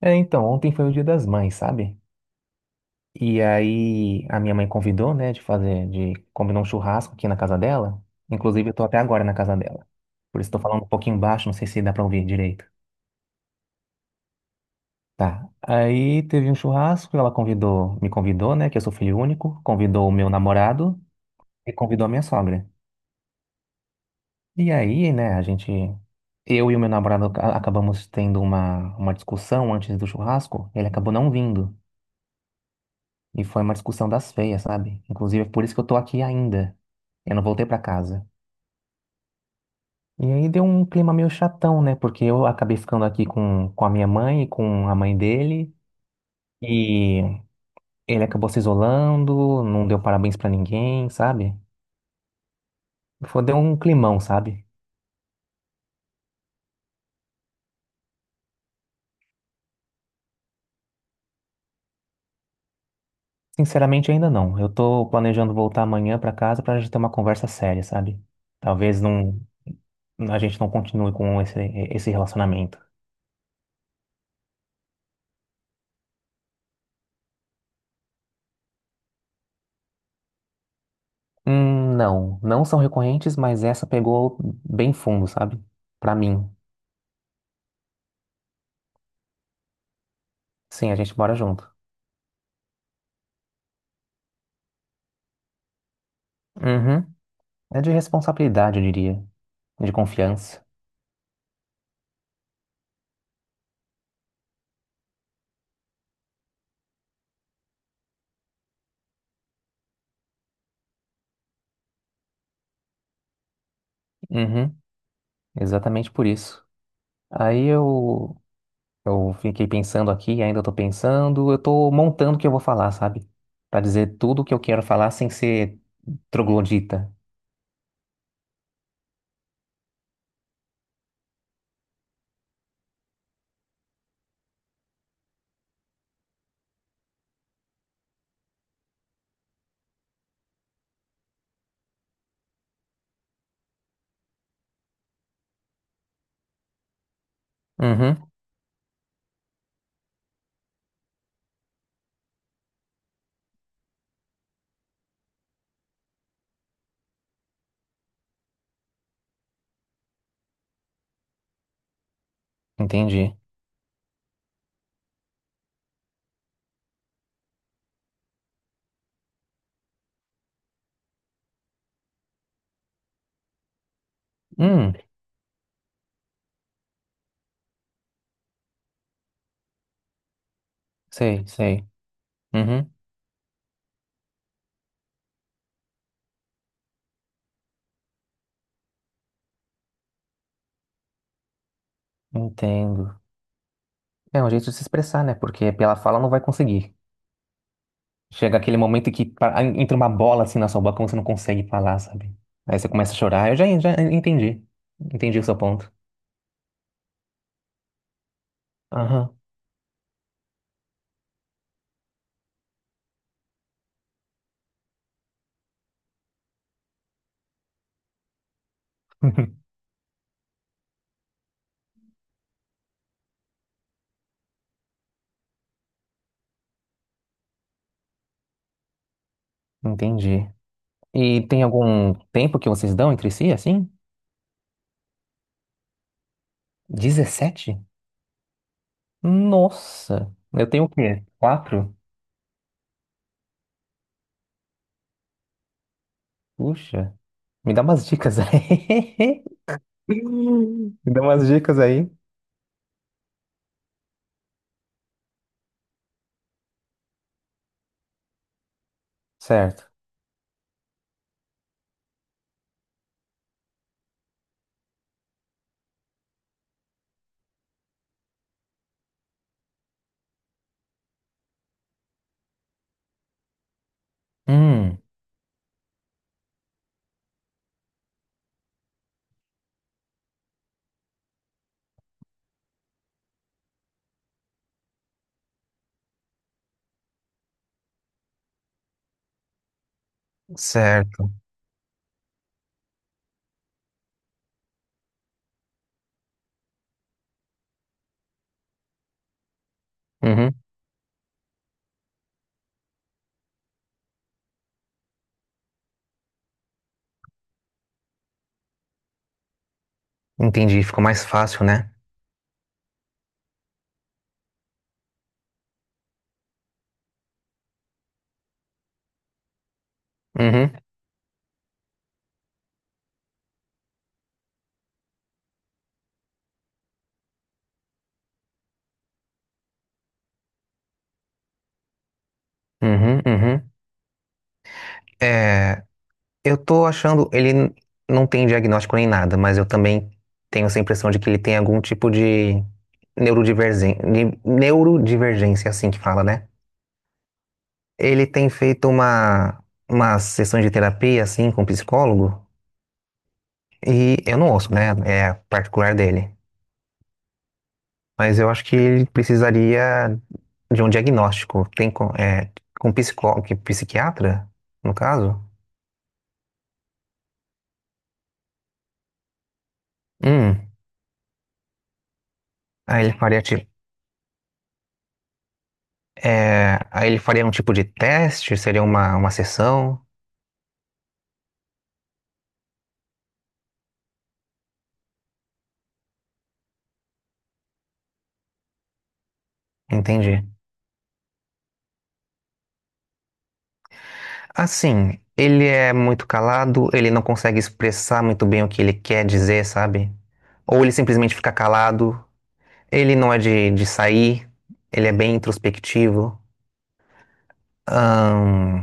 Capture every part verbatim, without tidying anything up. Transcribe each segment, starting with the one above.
É, então, ontem foi o Dia das Mães, sabe? E aí a minha mãe convidou, né, de fazer, de combinar um churrasco aqui na casa dela. Inclusive, eu tô até agora na casa dela. Por isso tô falando um pouquinho baixo, não sei se dá pra ouvir direito. Tá. Aí teve um churrasco, ela convidou, me convidou, né, que eu sou filho único, convidou o meu namorado e convidou a minha sogra. E aí, né, a gente, eu e o meu namorado a- acabamos tendo uma, uma discussão antes do churrasco, ele acabou não vindo. E foi uma discussão das feias, sabe? Inclusive, é por isso que eu tô aqui ainda. Eu não voltei pra casa. E aí deu um clima meio chatão, né? Porque eu acabei ficando aqui com, com a minha mãe e com a mãe dele. E ele acabou se isolando, não deu parabéns pra ninguém, sabe? Foi, deu um climão, sabe? Sinceramente, ainda não. Eu tô planejando voltar amanhã pra casa pra gente ter uma conversa séria, sabe? Talvez não, a gente não continue com esse, esse relacionamento. Hum, não, não são recorrentes, mas essa pegou bem fundo, sabe? Pra mim. Sim, a gente mora junto. Uhum. É de responsabilidade, eu diria. De confiança. Uhum. Exatamente por isso. Aí eu, eu fiquei pensando aqui, ainda tô pensando, eu tô montando o que eu vou falar, sabe? Pra dizer tudo o que eu quero falar sem ser troglodita. Uhum. Entendi. Hum, sei, sei. Uhum. Entendo. É um jeito de se expressar, né? Porque pela fala não vai conseguir. Chega aquele momento que pa- entra uma bola assim na sua boca, você não consegue falar, sabe? Aí você começa a chorar. Eu já, já entendi. Entendi o seu ponto. Aham. Entendi. E tem algum tempo que vocês dão entre si, assim? Dezessete? Nossa! Eu tenho o quê? Quatro? Puxa. Me dá umas dicas aí. Me dá umas dicas aí. Certo. Hum, certo. Uhum. Entendi. Ficou mais fácil, né? Uhum, uhum, uhum. É. Eu tô achando, ele n- não tem diagnóstico nem nada, mas eu também tenho essa impressão de que ele tem algum tipo de neurodivergência, neurodivergência, assim que fala, né? Ele tem feito uma, umas sessões de terapia, assim, com psicólogo, e eu não ouço, né? É particular dele. Mas eu acho que ele precisaria de um diagnóstico. Tem com, é, com psicólogo, psiquiatra, no caso? Hum, aí ele faria. É, aí ele faria um tipo de teste, seria uma, uma sessão, entendi. Assim, ele é muito calado, ele não consegue expressar muito bem o que ele quer dizer, sabe? Ou ele simplesmente fica calado, ele não é de, de sair, ele é bem introspectivo, ahn,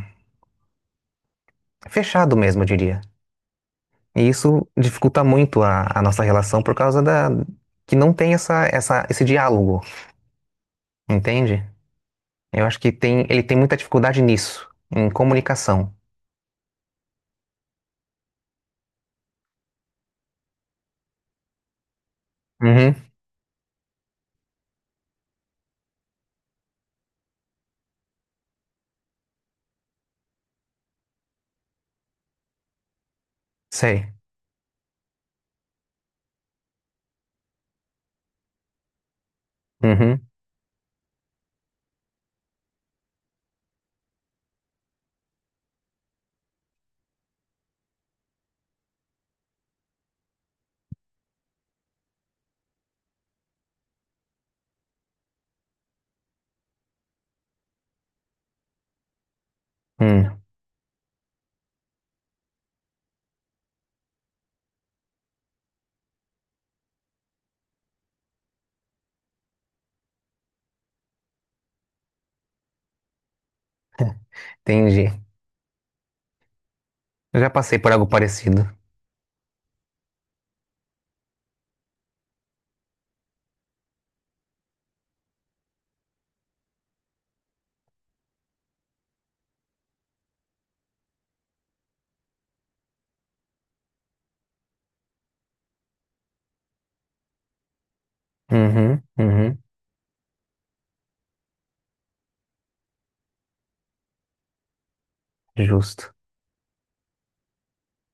fechado mesmo, eu diria. E isso dificulta muito a, a nossa relação por causa da, que não tem essa, essa, esse diálogo, entende? Eu acho que tem, ele tem muita dificuldade nisso, em comunicação. Uhum. Sei. Uhum, hum, entendi. Eu já passei por algo parecido. Uhum, uhum, justo.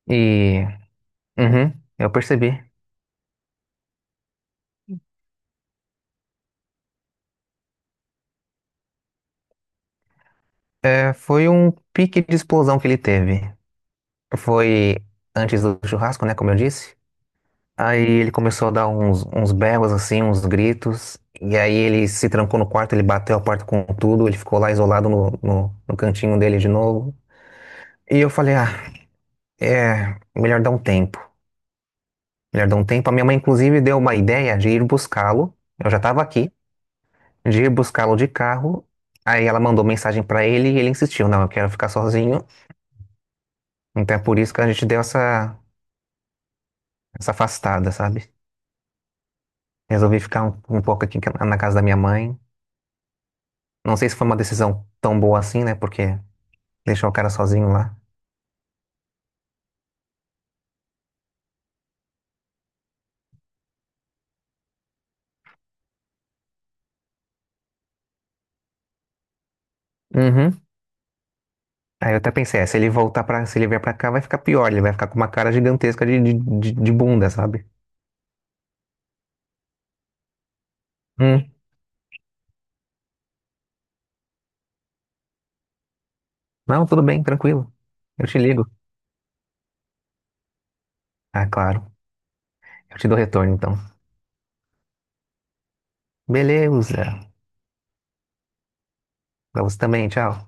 E, uhum, eu percebi. É, foi um pique de explosão que ele teve. Foi antes do churrasco, né, como eu disse. Aí ele começou a dar uns, uns berros, assim, uns gritos. E aí ele se trancou no quarto, ele bateu a porta com tudo. Ele ficou lá isolado no, no, no cantinho dele de novo. E eu falei, ah, é melhor dar um tempo. Já deu um tempo. A minha mãe, inclusive, deu uma ideia de ir buscá-lo. Eu já estava aqui, de ir buscá-lo de carro. Aí ela mandou mensagem para ele e ele insistiu: Não, eu quero ficar sozinho. Então é por isso que a gente deu essa, essa afastada, sabe? Resolvi ficar um, um pouco aqui na casa da minha mãe. Não sei se foi uma decisão tão boa assim, né? Porque deixou o cara sozinho lá. Uhum. Aí eu até pensei: é, se ele voltar para, se ele vier pra cá, vai ficar pior. Ele vai ficar com uma cara gigantesca de, de, de de bunda, sabe? Hum. Não, tudo bem, tranquilo. Eu te ligo. Ah, claro. Eu te dou retorno, então. Beleza. Pra você também, tchau.